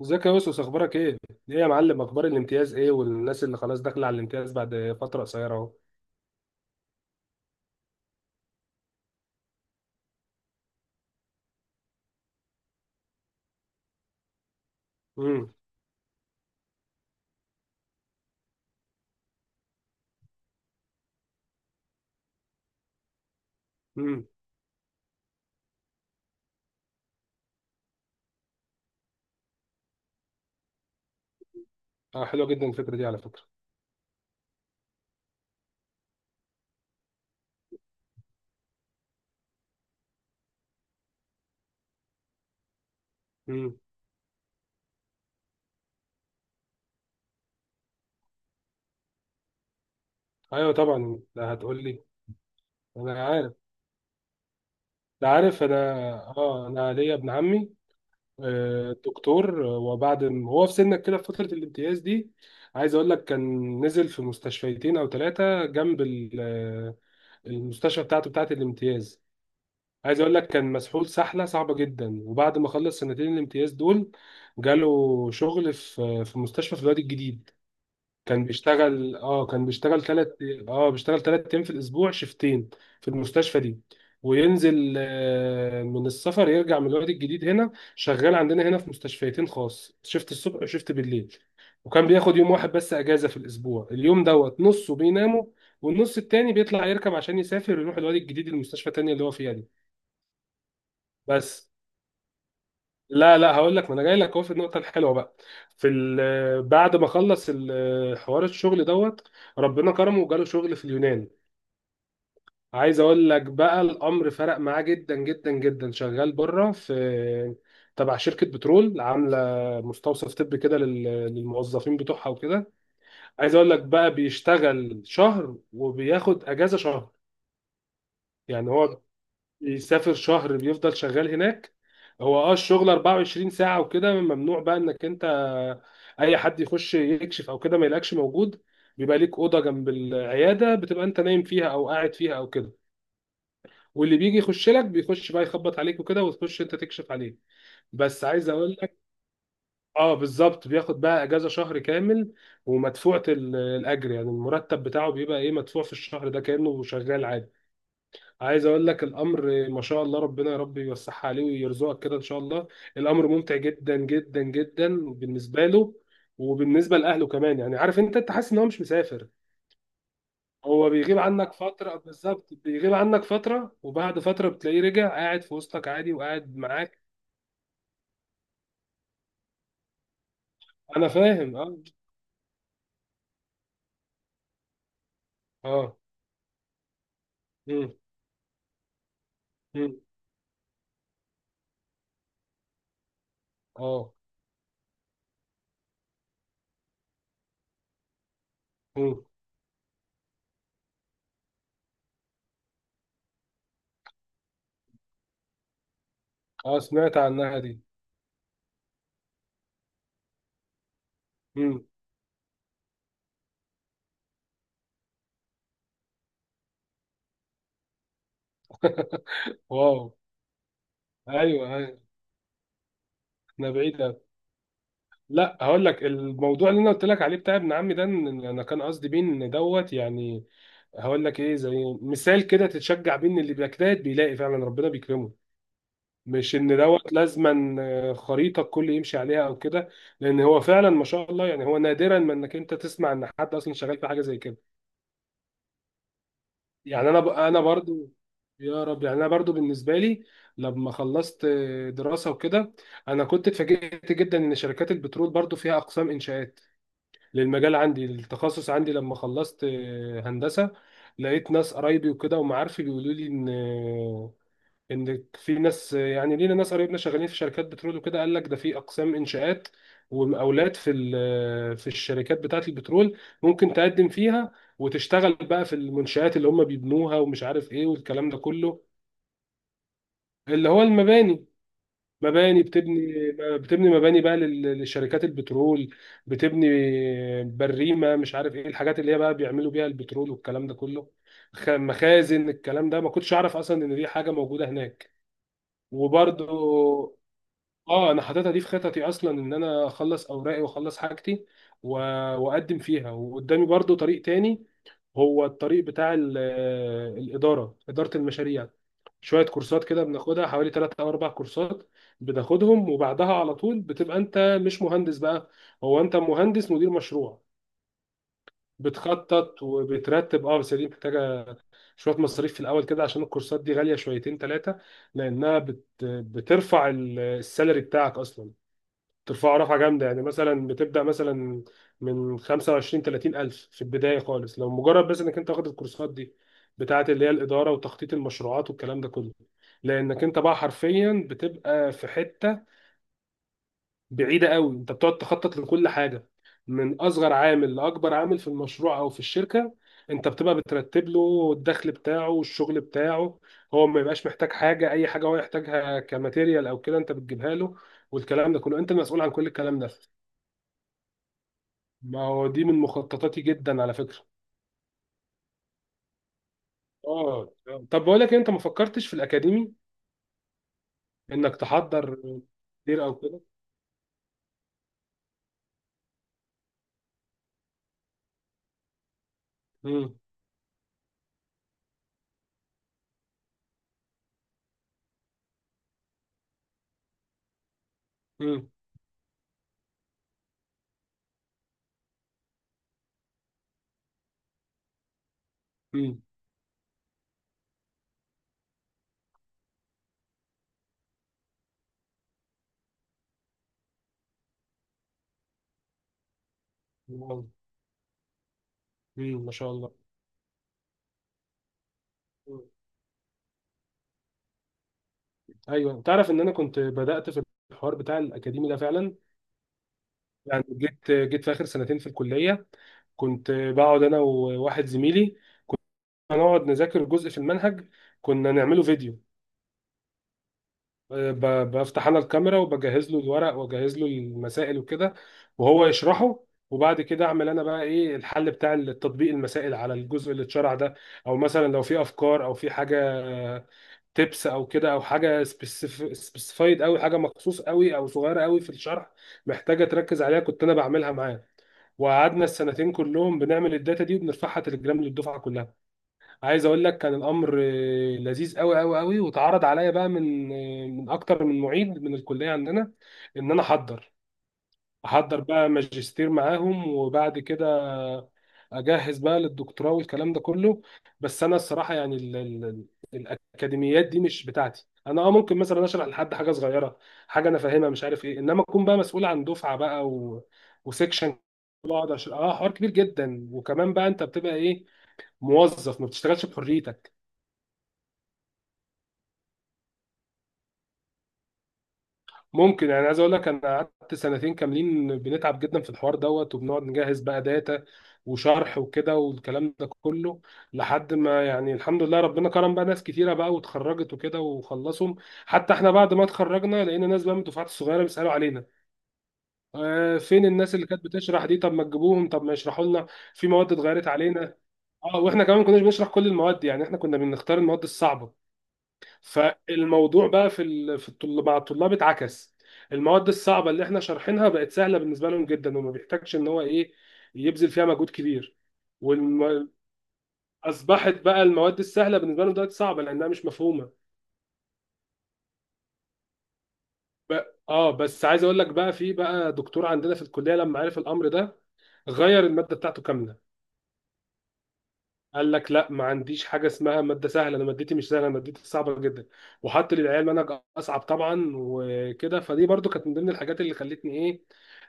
ازيك يا يوسف، اخبارك ايه؟ ايه يا معلم، اخبار الامتياز ايه، والناس اللي خلاص داخله على الامتياز بعد فتره قصيره اهو؟ امم امم. اه، حلوه جدا الفكره دي على فكره. امم. ايوه طبعا، ده هتقول لي. انا عارف، ده عارف انا. اه، انا ليا ابن عمي دكتور. هو في سنك كده في فتره الامتياز دي، عايز اقول لك، كان نزل في مستشفيتين او ثلاثه جنب المستشفى بتاعه الامتياز. عايز اقول لك كان مسحول سحله صعبه جدا، وبعد ما خلص سنتين الامتياز دول جاله شغل في مستشفى في الوادي الجديد. كان بيشتغل ثلاث اه بيشتغل 3 ايام في الاسبوع، شيفتين في المستشفى دي، وينزل من السفر، يرجع من الوادي الجديد هنا شغال عندنا هنا في مستشفيتين خاص، شيفت الصبح وشيفت بالليل. وكان بياخد يوم واحد بس اجازه في الاسبوع، اليوم دوت نصه بينامه والنص التاني بيطلع يركب عشان يسافر يروح الوادي الجديد، المستشفى التانية اللي هو فيها دي. بس لا لا، هقول لك، ما انا جاي لك اهو في النقطه الحلوه بقى. في ال- آه، بعد ما خلص حوار الشغل دوت، ربنا كرمه وجاله شغل في اليونان. عايز اقول لك بقى، الامر فرق معاه جدا جدا جدا، شغال بره في تبع شركه بترول عامله مستوصف طبي كده للموظفين بتوعها وكده. عايز اقول لك بقى بيشتغل شهر وبياخد اجازه شهر، يعني هو يسافر شهر بيفضل شغال هناك. هو الشغل 24 ساعة وكده ممنوع بقى انك انت، اي حد يخش يكشف او كده ما يلاقيكش موجود. بيبقى ليك أوضة جنب العيادة، بتبقى انت نايم فيها او قاعد فيها او كده، واللي بيجي يخش لك بيخش بقى يخبط عليك وكده وتخش انت تكشف عليه. بس عايز اقول لك، اه بالظبط بياخد بقى اجازة شهر كامل ومدفوعة الاجر، يعني المرتب بتاعه بيبقى ايه، مدفوع في الشهر ده كأنه شغال عادي. عايز اقول لك الامر ما شاء الله، ربنا يا رب يوسعها عليه ويرزقك كده ان شاء الله. الامر ممتع جدا جدا جدا بالنسبه له وبالنسبه لاهله كمان، يعني عارف انت حاسس ان هو مش مسافر. هو بيغيب عنك فتره، بالظبط بيغيب عنك فتره وبعد فتره بتلاقيه رجع قاعد في وسطك عادي وقاعد معاك. انا فاهم، اه. اه. مم. مم. اه. مم. اه، سمعت عنها دي. مم. واو. ايوه، ايوه. احنا بعيد. لا هقول لك، الموضوع اللي انا قلت لك عليه بتاع ابن عمي ده، إن انا كان قصدي بيه ان دوت، يعني هقول لك ايه، زي مثال كده تتشجع بيه ان اللي بيجتهد بيلاقي فعلا ربنا بيكرمه. مش ان دوت لازما خريطه الكل يمشي عليها او كده، لان هو فعلا ما شاء الله، يعني هو نادرا ما انك انت تسمع ان حد اصلا شغال في حاجه زي كده. انا برضو، يا رب، يعني انا برضو بالنسبه لي لما خلصت دراسه وكده، انا كنت اتفاجئت جدا ان شركات البترول برضو فيها اقسام انشاءات للمجال عندي، التخصص عندي لما خلصت هندسة، لقيت ناس قرايبي وكده ومعارفي بيقولوا لي ان في ناس، يعني لينا ناس قرايبنا شغالين في شركات بترول وكده، قال لك ده في اقسام انشاءات ومقاولات في ال- آه، في الشركات بتاعة البترول، ممكن تقدم فيها وتشتغل بقى في المنشآت اللي هم بيبنوها ومش عارف ايه والكلام ده كله. اللي هو المباني، مباني بتبني، بتبني مباني بقى للشركات البترول. بتبني بريمة مش عارف ايه، الحاجات اللي هي بقى بيعملوا بيها البترول والكلام ده كله. مخازن. الكلام ده ما كنتش اعرف اصلا ان دي حاجة موجودة هناك. وبرضو اه، انا حاططها دي في خططي اصلا، ان انا اخلص اوراقي واخلص حاجتي و- واقدم فيها. وقدامي برضو طريق تاني، هو الطريق بتاع ال- آه، الإدارة إدارة المشاريع. شوية كورسات كده بناخدها، حوالي ثلاث أو أربع كورسات بناخدهم، وبعدها على طول بتبقى أنت مش مهندس بقى، هو أنت مهندس مدير مشروع، بتخطط وبترتب. اه بس دي محتاجة شوية مصاريف في الأول كده، عشان الكورسات دي غالية شويتين ثلاثة، لأنها بترفع السالري بتاعك أصلا، ترفعوا رفعة جامدة، يعني مثلا بتبدأ مثلا من 25 30 ألف في البداية خالص لو مجرد بس إنك أنت واخد الكورسات دي بتاعة اللي هي الإدارة وتخطيط المشروعات والكلام ده كله، لأنك أنت بقى حرفيا بتبقى في حتة بعيدة قوي. أنت بتقعد تخطط لكل حاجة، من أصغر عامل لأكبر عامل في المشروع أو في الشركة، أنت بتبقى بترتب له الدخل بتاعه والشغل بتاعه، هو ما يبقاش محتاج حاجة، أي حاجة هو يحتاجها كماتيريال أو كده أنت بتجيبها له، والكلام ده كله أنت المسؤول عن كل الكلام ده. ما هو دي من مخططاتي جدا على فكرة. اه. طب بقول لك إيه، انت ما فكرتش في الاكاديمي، انك تحضر كتير او كده؟ امم امم. امم. واو. ما شاء الله. مم. ايوه، تعرف ان انا كنت بدأت في الحوار بتاع الاكاديمي ده فعلا. يعني جيت في اخر سنتين في الكلية، كنت بقعد انا وواحد زميلي، هنقعد نذاكر جزء في المنهج، كنا نعمله فيديو. بفتح انا الكاميرا وبجهز له الورق واجهز له المسائل وكده، وهو يشرحه، وبعد كده اعمل انا بقى ايه الحل بتاع التطبيق، المسائل على الجزء اللي اتشرح ده، او مثلا لو في افكار او في حاجه تبس او كده، او حاجه سبيسيفايد قوي، حاجه مخصوص قوي او صغيره قوي في الشرح محتاجه تركز عليها، كنت انا بعملها معاه. وقعدنا السنتين كلهم بنعمل الداتا دي وبنرفعها تليجرام للدفعه كلها. عايز اقول لك كان الامر لذيذ قوي قوي قوي، واتعرض عليا بقى من اكتر من معيد من الكليه عندنا ان انا احضر، بقى ماجستير معاهم، وبعد كده اجهز بقى للدكتوراه والكلام ده كله. بس انا الصراحه يعني الاكاديميات دي مش بتاعتي انا. اه ممكن مثلا اشرح لحد حاجه صغيره، حاجه انا فاهمها مش عارف ايه، انما اكون بقى مسؤول عن دفعه بقى وسكشن، بقعد أشرح- اه حوار كبير جدا، وكمان بقى انت بتبقى ايه، موظف، ما بتشتغلش بحريتك. ممكن، يعني عايز اقول لك، انا قعدت سنتين كاملين بنتعب جدا في الحوار دوت، وبنقعد نجهز بقى داتا وشرح وكده والكلام ده كله، لحد ما يعني الحمد لله ربنا كرم بقى، ناس كتيره بقى واتخرجت وكده وخلصهم. حتى احنا بعد ما اتخرجنا لقينا ناس بقى من الدفعات الصغيره بيسالوا علينا، آه فين الناس اللي كانت بتشرح دي، طب ما تجيبوهم، طب ما يشرحوا لنا. في مواد اتغيرت علينا، اه، واحنا كمان ما كناش بنشرح كل المواد، يعني احنا كنا بنختار المواد الصعبه، فالموضوع بقى في ال... في الطل... مع الطلاب اتعكس. المواد الصعبه اللي احنا شارحينها بقت سهله بالنسبه لهم جدا، وما بيحتاجش ان هو ايه، يبذل فيها مجهود كبير. والم... اصبحت بقى المواد السهله بالنسبه لهم دلوقتي صعبه لانها مش مفهومه. ب... اه بس عايز اقول لك بقى، في بقى دكتور عندنا في الكليه لما عرف الامر ده غير الماده بتاعته كامله. قال لك لا، ما عنديش حاجه اسمها ماده سهله، انا مادتي مش سهله، انا مادتي صعبه جدا. وحط للعيال منهج اصعب طبعا وكده. فدي برضو كانت من ضمن الحاجات اللي خلتني ايه،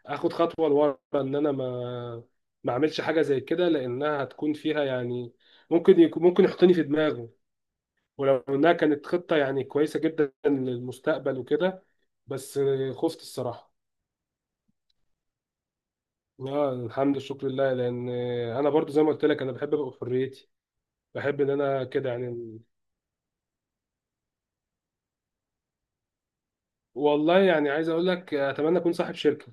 اخد خطوه لورا ان انا ما اعملش حاجه زي كده، لانها هتكون فيها يعني، ممكن يحطني في دماغه، ولو انها كانت خطه يعني كويسه جدا للمستقبل وكده، بس خفت الصراحه. لا الحمد لله، شكر لله. لان انا برضو زي ما قلت لك، انا بحب ابقى في حريتي، بحب ان انا كده يعني. والله يعني عايز اقول لك، اتمنى اكون صاحب شركه،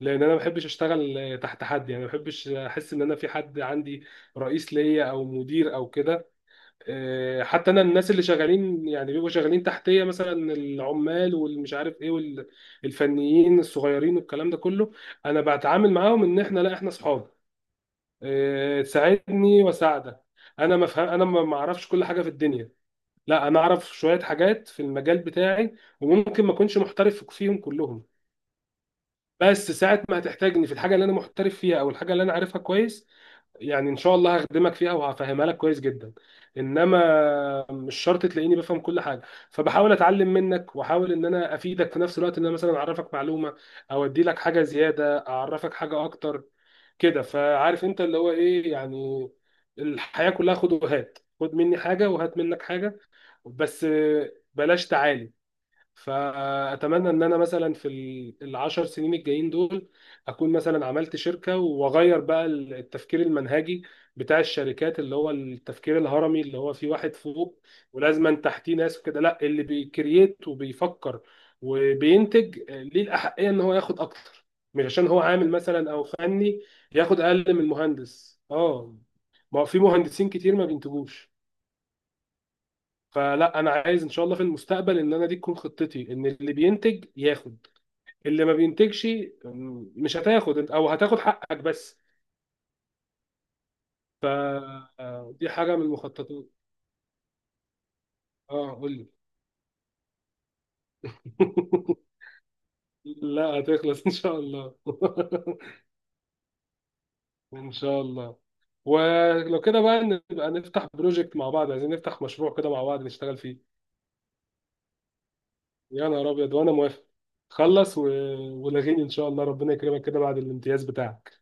لان انا ما بحبش اشتغل تحت حد، يعني ما بحبش احس ان انا في حد عندي رئيس ليا او مدير او كده. حتى انا الناس اللي شغالين يعني بيبقوا شغالين تحتيه، مثلا العمال والمش عارف ايه والفنيين الصغيرين والكلام ده كله، انا بتعامل معاهم ان احنا لا، احنا اصحاب. تساعدني واساعدك. انا ما اعرفش كل حاجه في الدنيا، لا انا اعرف شويه حاجات في المجال بتاعي، وممكن ما اكونش محترف فيهم كلهم، بس ساعة ما هتحتاجني في الحاجة اللي أنا محترف فيها أو الحاجة اللي أنا عارفها كويس، يعني إن شاء الله هخدمك فيها وهفهمها لك كويس جدا، إنما مش شرط تلاقيني بفهم كل حاجة. فبحاول أتعلم منك وأحاول إن أنا أفيدك في نفس الوقت، إن أنا مثلا أعرفك معلومة أو أدي لك حاجة زيادة، أعرفك حاجة أكتر كده، فعارف أنت اللي هو إيه يعني، الحياة كلها خد وهات، خد مني حاجة وهات منك حاجة، بس بلاش تعالي. فاتمنى ان انا مثلا في العشر سنين الجايين دول اكون مثلا عملت شركه، واغير بقى التفكير المنهجي بتاع الشركات، اللي هو التفكير الهرمي، اللي هو في واحد فوق ولازما تحتيه ناس وكده، لا اللي بيكرييت وبيفكر وبينتج ليه الاحقيه ان هو ياخد اكتر، مش عشان هو عامل مثلا او فني ياخد اقل من المهندس، اه، ما هو في مهندسين كتير ما بينتجوش. فلا انا عايز ان شاء الله في المستقبل ان انا دي تكون خطتي، ان اللي بينتج ياخد، اللي ما بينتجش مش هتاخد او هتاخد حقك بس. دي حاجة من المخططات. اه قول لي. لا هتخلص ان شاء الله. ان شاء الله. ولو كده بقى نبقى نفتح بروجكت مع بعض، عايزين نفتح مشروع كده مع بعض نشتغل فيه. يا نهار ابيض، وانا موافق. خلص ولاغيني ان شاء الله، ربنا يكرمك كده بعد الامتياز بتاعك.